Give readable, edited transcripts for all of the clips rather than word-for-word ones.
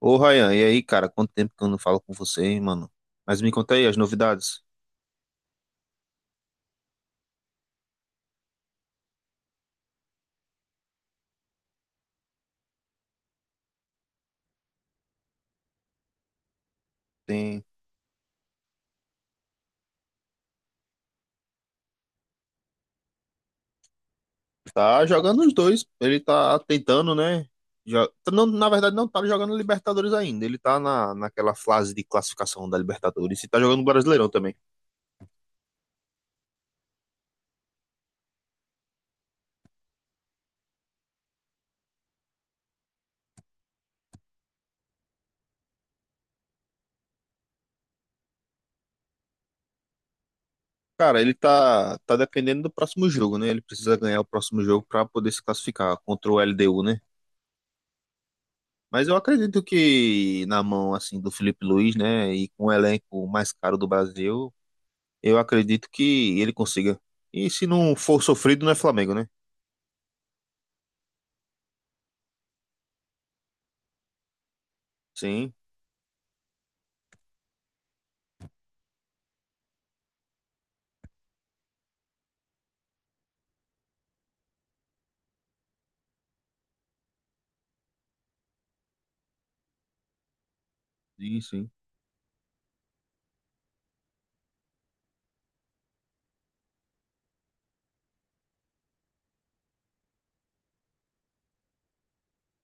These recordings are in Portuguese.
Ô, Ryan, e aí, cara? Quanto tempo que eu não falo com você, hein, mano? Mas me conta aí as novidades. Tem... Tá jogando os dois. Ele tá tentando, né? Não, na verdade, não tá jogando Libertadores ainda. Ele tá na, naquela fase de classificação da Libertadores e tá jogando Brasileirão também. Cara, ele tá dependendo do próximo jogo, né? Ele precisa ganhar o próximo jogo pra poder se classificar contra o LDU, né? Mas eu acredito que na mão, assim, do Felipe Luiz, né? E com o elenco mais caro do Brasil. Eu acredito que ele consiga. E se não for sofrido, não é Flamengo, né? Sim, sim, sim.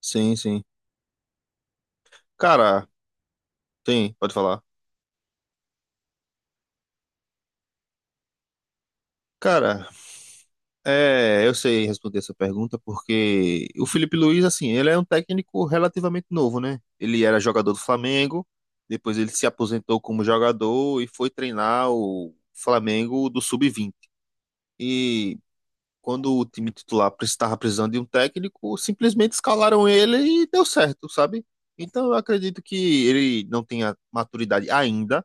Sim, sim. Cara, sim, pode falar. Cara, é, eu sei responder essa pergunta porque o Felipe Luiz, assim, ele é um técnico relativamente novo, né? Ele era jogador do Flamengo, depois ele se aposentou como jogador e foi treinar o Flamengo do Sub-20. E quando o time titular estava precisando de um técnico, simplesmente escalaram ele e deu certo, sabe? Então eu acredito que ele não tenha maturidade ainda,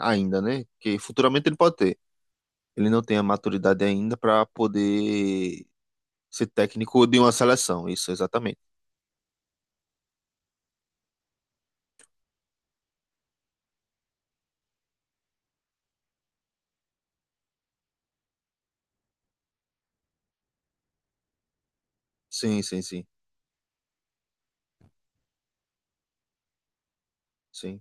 ainda, né? Que futuramente ele pode ter. Ele não tem a maturidade ainda para poder ser técnico de uma seleção. Isso, exatamente. Sim, sim, sim. Sim,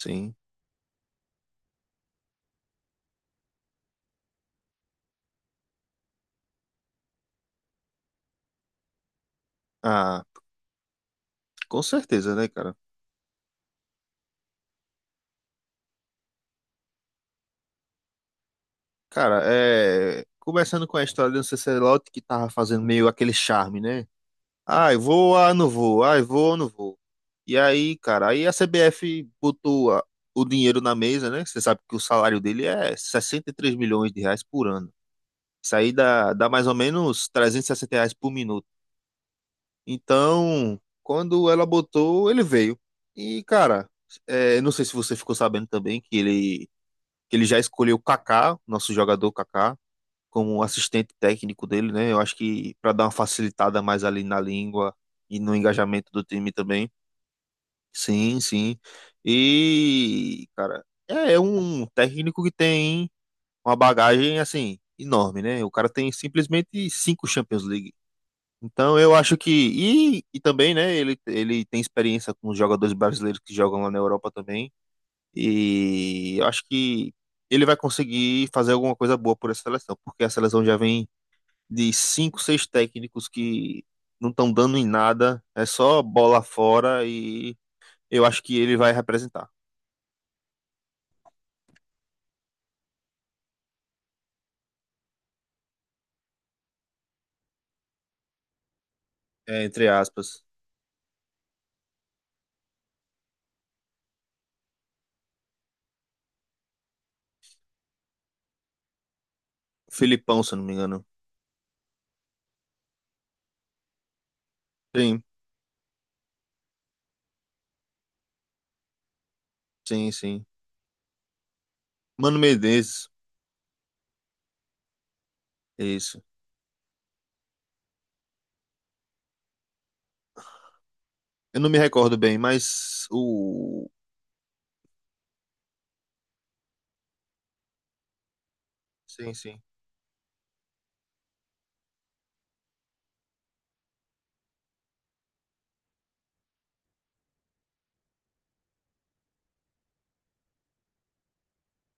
sim. Ah, com certeza, né, cara? Cara, é. Começando com a história do Ancelotti, que tava fazendo meio aquele charme, né? Ah, eu vou, ah, não vou. Ah, eu vou, não vou. E aí, cara, aí a CBF botou o dinheiro na mesa, né? Você sabe que o salário dele é 63 milhões de reais por ano. Isso aí dá mais ou menos 360 reais por minuto. Então, quando ela botou, ele veio. E, cara, é, não sei se você ficou sabendo também que ele já escolheu o Kaká, nosso jogador Kaká, como um assistente técnico dele, né? Eu acho que para dar uma facilitada mais ali na língua e no engajamento do time também. Sim, sim. E, cara, é um técnico que tem uma bagagem assim enorme, né? O cara tem simplesmente cinco Champions League. Então eu acho que e também, né, ele tem experiência com os jogadores brasileiros que jogam lá na Europa também. E eu acho que ele vai conseguir fazer alguma coisa boa por essa seleção, porque a seleção já vem de cinco, seis técnicos que não estão dando em nada, é só bola fora e eu acho que ele vai representar. É, entre aspas. Filipão, se eu não me engano. Sim, sim, sim. Mano Menezes, é isso. Eu não me recordo bem, mas o. Sim, sim.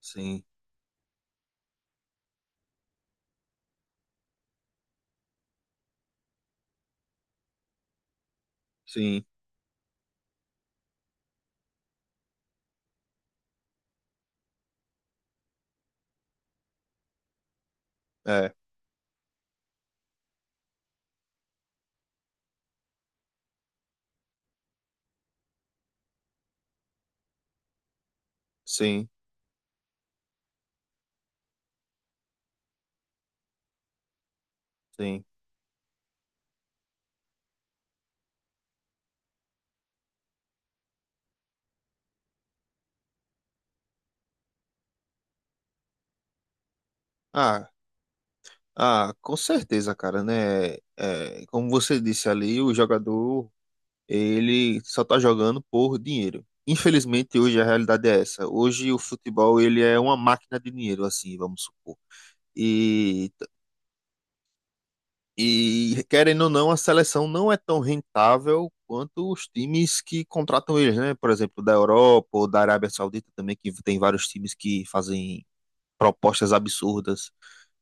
Sim, sim. É, sim, sim. Ah, ah, com certeza, cara, né? É, como você disse ali, o jogador ele só está jogando por dinheiro. Infelizmente, hoje a realidade é essa. Hoje o futebol ele é uma máquina de dinheiro, assim, vamos supor. E, e querendo ou não, a seleção não é tão rentável quanto os times que contratam eles, né? Por exemplo, da Europa ou da Arábia Saudita também, que tem vários times que fazem propostas absurdas.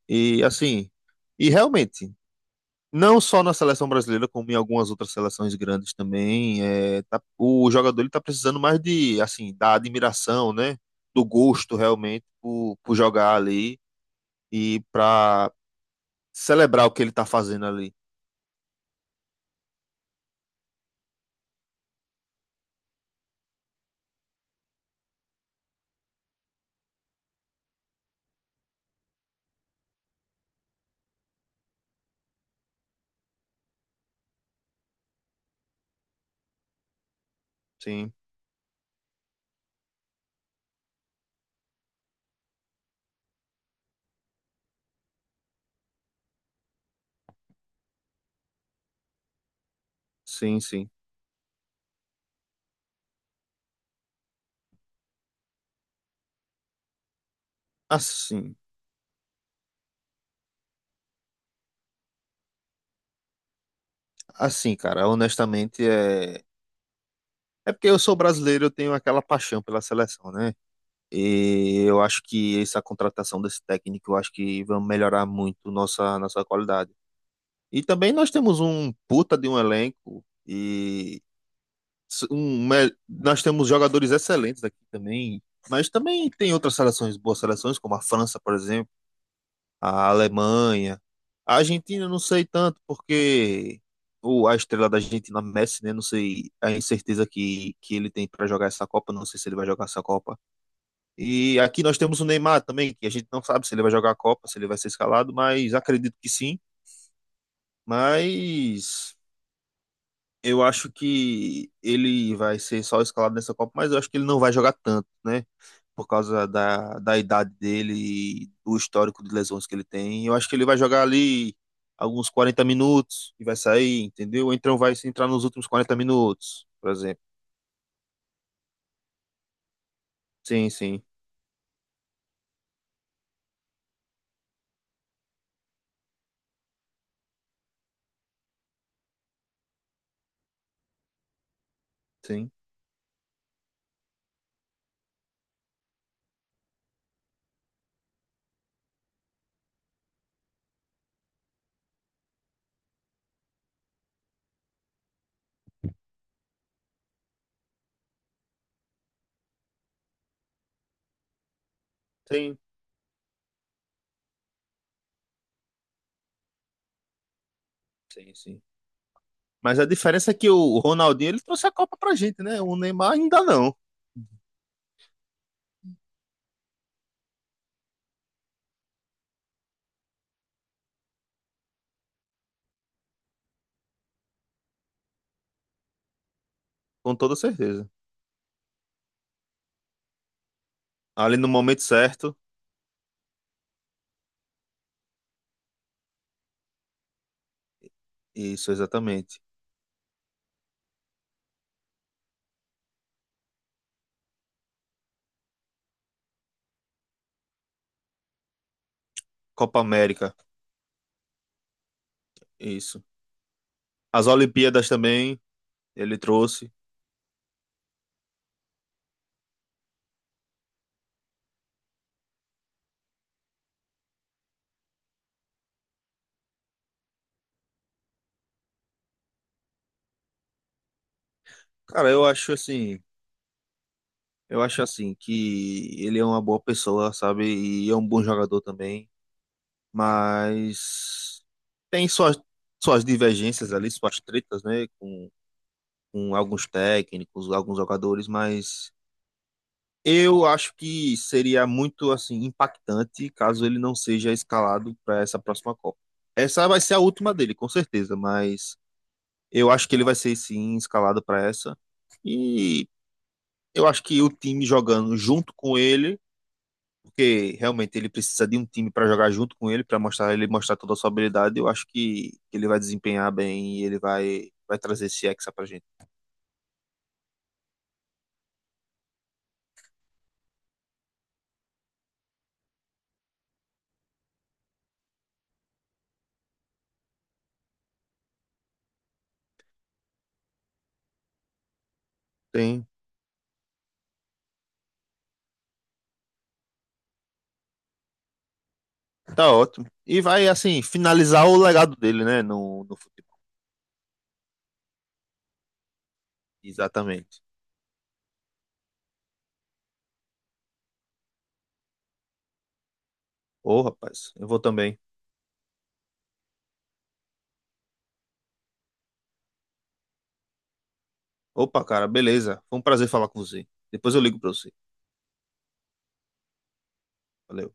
E assim, e realmente, não só na seleção brasileira, como em algumas outras seleções grandes também, o jogador ele tá precisando mais de, assim, da admiração, né? Do gosto realmente por jogar ali e para celebrar o que ele tá fazendo ali. Sim, sim, sim. Assim, cara, honestamente é porque eu sou brasileiro, eu tenho aquela paixão pela seleção, né? E eu acho que essa contratação desse técnico, eu acho que vai melhorar muito nossa qualidade. E também nós temos um puta de um elenco e nós temos jogadores excelentes aqui também, mas também tem outras seleções, boas seleções, como a França, por exemplo, a Alemanha. A Argentina eu não sei tanto, porque a estrela da Argentina, Messi, né? Não sei a incerteza que ele tem para jogar essa Copa, não sei se ele vai jogar essa Copa. E aqui nós temos o Neymar também, que a gente não sabe se ele vai jogar a Copa, se ele vai ser escalado, mas acredito que sim. Mas eu acho que ele vai ser só escalado nessa Copa, mas eu acho que ele não vai jogar tanto, né? Por causa da idade dele e do histórico de lesões que ele tem. Eu acho que ele vai jogar ali alguns 40 minutos e vai sair, entendeu? Ou então vai se entrar nos últimos 40 minutos, por exemplo. Sim, sim, sim, sim, sim, sim. Mas a diferença é que o Ronaldinho ele trouxe a Copa pra gente, né? O Neymar ainda não, com toda certeza. Ali no momento certo. Isso, exatamente. Copa América, isso. As Olimpíadas também ele trouxe. Cara, eu acho assim que ele é uma boa pessoa, sabe? E é um bom jogador também, mas tem suas divergências ali, suas tretas, né, com alguns técnicos, alguns jogadores, mas eu acho que seria muito assim impactante caso ele não seja escalado para essa próxima Copa. Essa vai ser a última dele, com certeza, mas eu acho que ele vai ser sim escalado para essa. E eu acho que o time jogando junto com ele, porque realmente ele precisa de um time para jogar junto com ele, para mostrar ele mostrar toda a sua habilidade, eu acho que ele vai desempenhar bem e ele vai trazer esse Hexa pra gente. Tem, tá ótimo. E vai assim finalizar o legado dele, né, no futebol. Exatamente. Ô, rapaz, eu vou também. Opa, cara, beleza. Foi um prazer falar com você. Depois eu ligo pra você. Valeu.